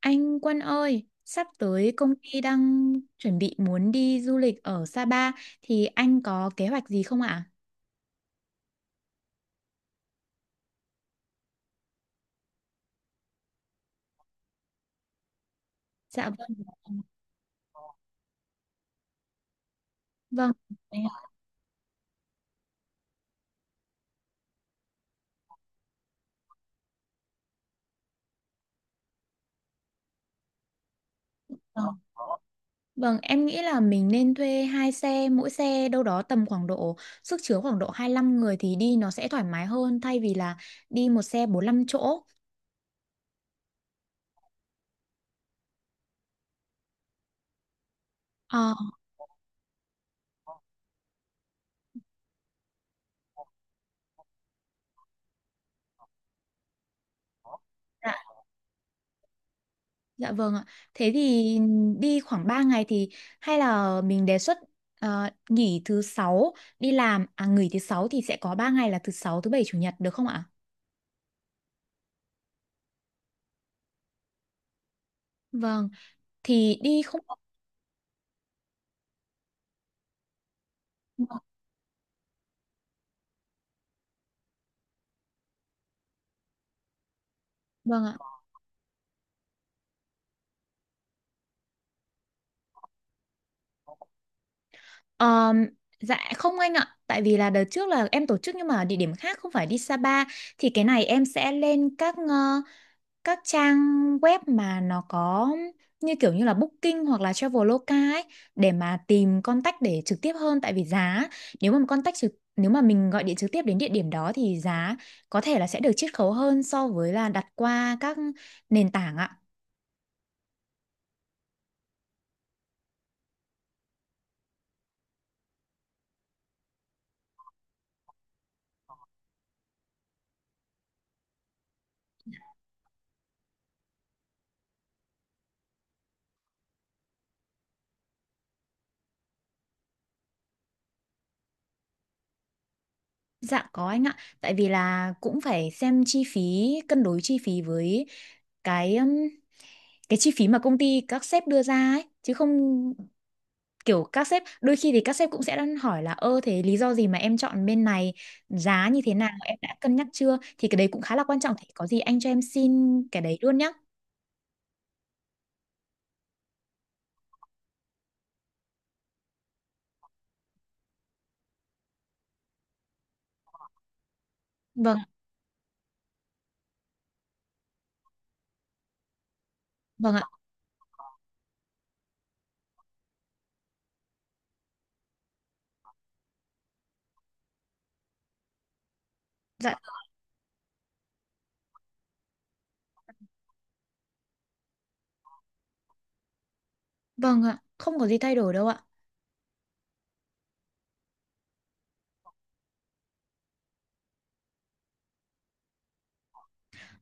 Anh Quân ơi, sắp tới công ty đang chuẩn bị muốn đi du lịch ở Sapa thì anh có kế hoạch gì không ạ? Dạ vâng. Vâng. em- Vâng, em nghĩ là mình nên thuê hai xe, mỗi xe đâu đó tầm khoảng độ sức chứa khoảng độ hai lăm người thì đi nó sẽ thoải mái hơn thay vì là đi một xe bốn lăm chỗ. Ờ. Dạ vâng ạ. Thế thì đi khoảng 3 ngày thì hay là mình đề xuất nghỉ thứ sáu đi làm à nghỉ thứ sáu thì sẽ có 3 ngày là thứ sáu, thứ bảy, chủ nhật được không ạ? Vâng, thì đi không. Vâng ạ. Ờm, dạ không anh ạ, tại vì là đợt trước là em tổ chức nhưng mà địa điểm khác không phải đi Sapa, thì cái này em sẽ lên các các trang web mà nó có như kiểu như là Booking hoặc là Traveloka ấy để mà tìm contact để trực tiếp hơn, tại vì giá nếu mà contact trực nếu mà mình gọi điện trực tiếp đến địa điểm đó thì giá có thể là sẽ được chiết khấu hơn so với là đặt qua các nền tảng ạ. Dạ có anh ạ, tại vì là cũng phải xem chi phí, cân đối chi phí với cái um, cái chi phí mà công ty các sếp đưa ra ấy, chứ không kiểu các sếp đôi khi thì các sếp cũng sẽ đang hỏi là ơ thế lý do gì mà em chọn bên này, giá như thế nào em đã cân nhắc chưa, thì cái đấy cũng khá là quan trọng, thì có gì anh cho em xin cái đấy luôn nhé. Vâng, vâng ạ. Dạ vâng ạ, không có gì thay đổi đâu ạ.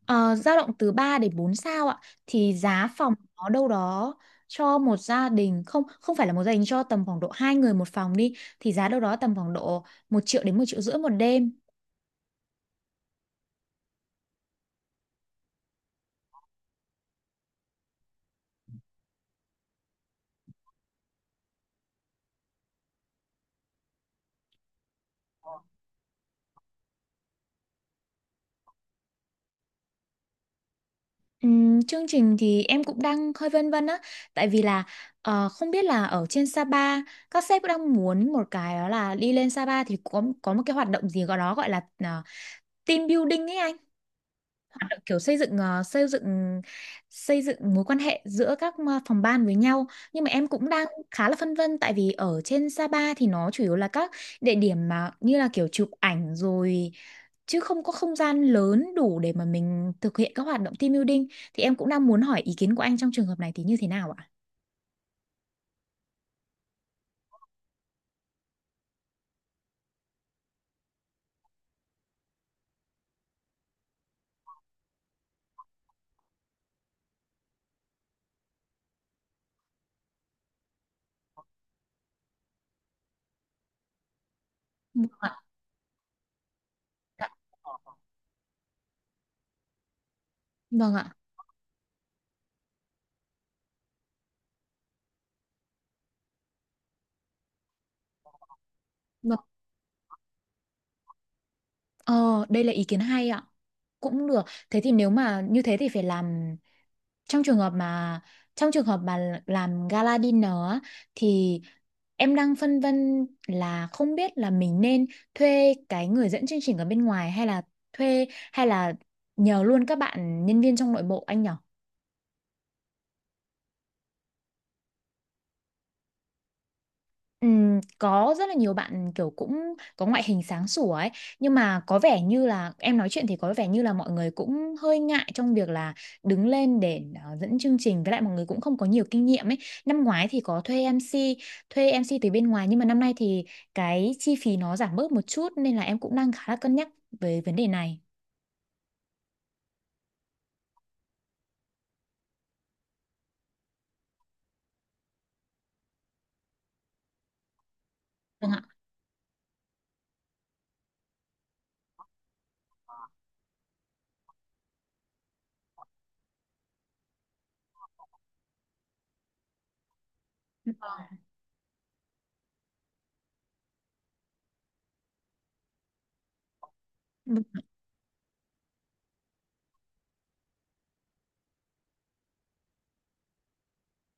Ờ, Dao động từ 3 đến 4 sao ạ, thì giá phòng nó đâu đó cho một gia đình không, không phải là một gia đình, cho tầm khoảng độ hai người một phòng đi, thì giá đâu đó tầm khoảng độ một triệu đến một triệu rưỡi một đêm. Chương trình thì em cũng đang hơi vân vân á, tại vì là không biết là ở trên Sapa các sếp cũng đang muốn một cái đó là đi lên Sapa thì có một cái hoạt động gì gọi đó gọi là team building ấy anh, hoạt động kiểu xây dựng xây dựng xây dựng mối quan hệ giữa các phòng ban với nhau. Nhưng mà em cũng đang khá là phân vân, tại vì ở trên Sapa thì nó chủ yếu là các địa điểm mà như là kiểu chụp ảnh rồi chứ không có không gian lớn đủ để mà mình thực hiện các hoạt động team building, thì em cũng đang muốn hỏi ý kiến của anh trong trường hợp này thì như thế nào ạ? Vâng ạ. Ờ, đây là ý kiến hay ạ. Cũng được. Thế thì nếu mà như thế thì phải làm trong trường hợp mà trong trường hợp mà làm gala dinner á, thì em đang phân vân là không biết là mình nên thuê cái người dẫn chương trình ở bên ngoài hay là thuê hay là nhờ luôn các bạn nhân viên trong nội bộ anh nhỉ? Có rất là nhiều bạn kiểu cũng có ngoại hình sáng sủa ấy, nhưng mà có vẻ như là em nói chuyện thì có vẻ như là mọi người cũng hơi ngại trong việc là đứng lên để dẫn chương trình, với lại mọi người cũng không có nhiều kinh nghiệm ấy. Năm ngoái thì có thuê em MC, thuê em MC từ bên ngoài, nhưng mà năm nay thì cái chi phí nó giảm bớt một chút nên là em cũng đang khá là cân nhắc về vấn đề này. Vâng ạ. Vâng,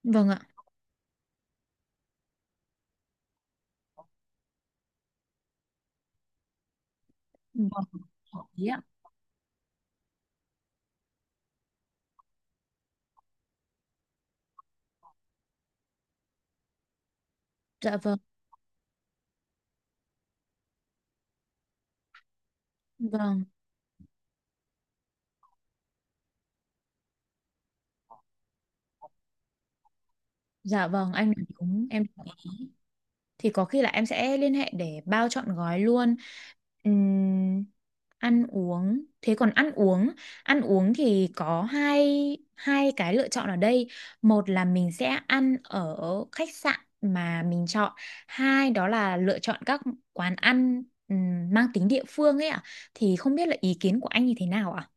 vâng ạ. Dạ vâng. Vâng. Dạ vâng anh nói đúng em, thì có khi là em sẽ liên hệ để bao trọn gói luôn. Ừm, ăn uống, thế còn ăn uống, ăn uống thì có hai hai cái lựa chọn ở đây. Một là mình sẽ ăn ở khách sạn mà mình chọn, hai đó là lựa chọn các quán ăn mang tính địa phương ấy ạ, thì không biết là ý kiến của anh như thế nào ạ?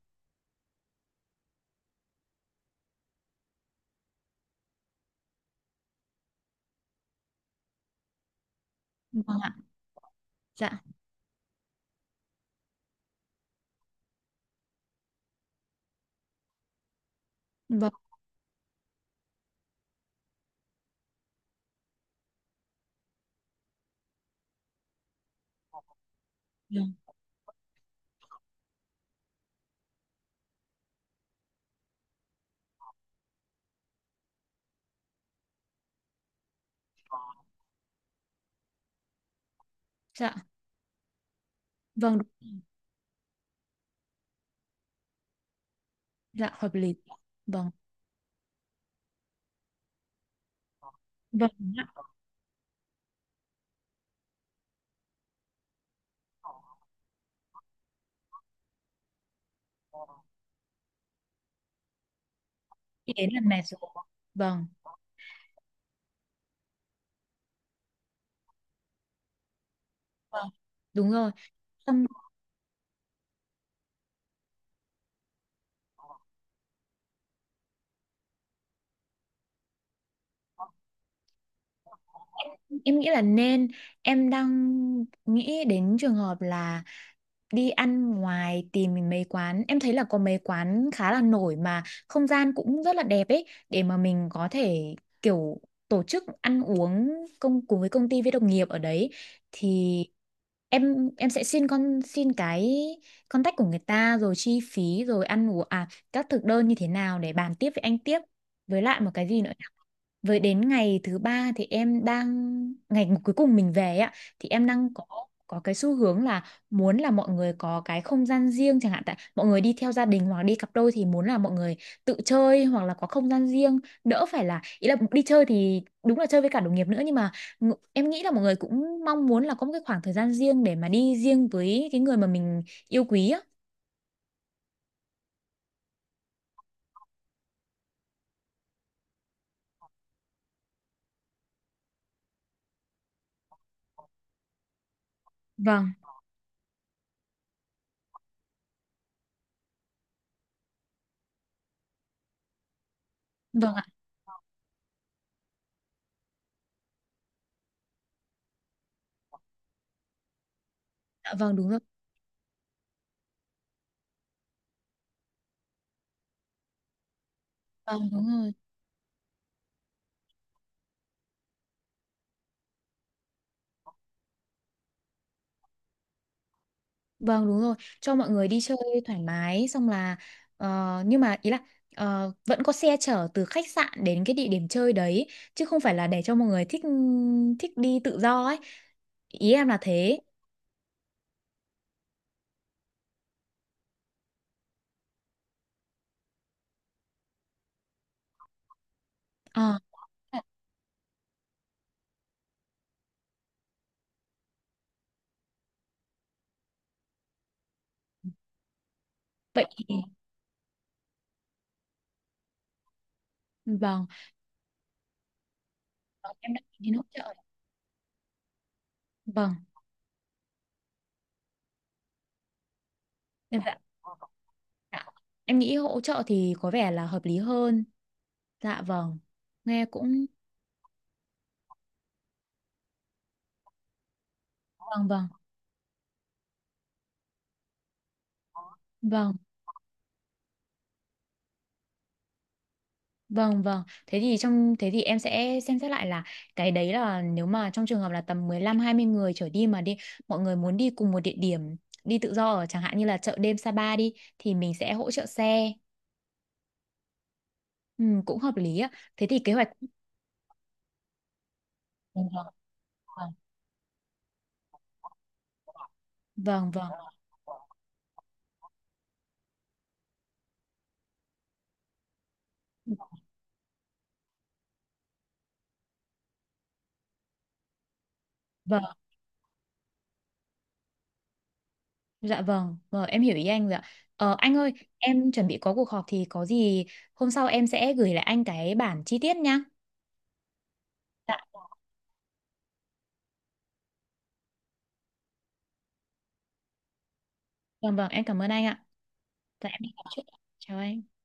Vâng ạ. Dạ. Vâng. Vâng. Dạ. Vâng. Dạ hợp lý. Vâng. Vâng, đúng ạ. Ý đến là mệt rồi. Vâng. Vâng, đúng rồi. Xong em nghĩ là nên em đang nghĩ đến trường hợp là đi ăn ngoài, tìm mấy quán. Em thấy là có mấy quán khá là nổi mà không gian cũng rất là đẹp ấy, để mà mình có thể kiểu tổ chức ăn uống công cùng với công ty với đồng nghiệp ở đấy. Thì em sẽ xin con xin cái contact của người ta, rồi chi phí, rồi ăn uống à các thực đơn như thế nào để bàn tiếp với anh tiếp. Với lại một cái gì nữa. Với đến ngày thứ ba thì em đang ngày cuối cùng mình về ấy ạ, thì em đang có cái xu hướng là muốn là mọi người có cái không gian riêng chẳng hạn, tại mọi người đi theo gia đình hoặc đi cặp đôi thì muốn là mọi người tự chơi hoặc là có không gian riêng, đỡ phải là ý là đi chơi thì đúng là chơi với cả đồng nghiệp nữa, nhưng mà em nghĩ là mọi người cũng mong muốn là có một cái khoảng thời gian riêng để mà đi riêng với cái người mà mình yêu quý á. Vâng. Vâng ạ. Dạ vâng đúng rồi. Vâng đúng rồi. Vâng đúng rồi, cho mọi người đi chơi thoải mái. Xong là ờ, nhưng mà ý là vẫn có xe chở từ khách sạn đến cái địa điểm chơi đấy, chứ không phải là để cho mọi người thích thích đi tự do ấy. Ý em là thế. Ờ, vậy thì vâng, em đã nghĩ đến hỗ trợ. Vâng, em dạ. Dạ. Em nghĩ hỗ trợ thì có vẻ là hợp lý hơn. Dạ vâng. Nghe cũng vâng, vâng. Vâng. Vâng vâng, thế thì trong thế thì em sẽ xem xét lại là cái đấy là nếu mà trong trường hợp là tầm mười lăm hai mươi người trở đi mà đi mọi người muốn đi cùng một địa điểm đi tự do ở chẳng hạn như là chợ đêm Sapa đi thì mình sẽ hỗ trợ xe. Ừ, cũng hợp lý á. Thế thì kế hoạch vâng vâng vâng vâng, vâng. Dạ vâng, vâng em hiểu ý anh rồi ạ. Ờ, anh ơi, em chuẩn bị có cuộc họp thì có gì hôm sau em sẽ gửi lại anh cái bản chi tiết nhá. Dạ. Vâng vâng, em cảm ơn anh ạ. Dạ em đi họp trước. Chào anh.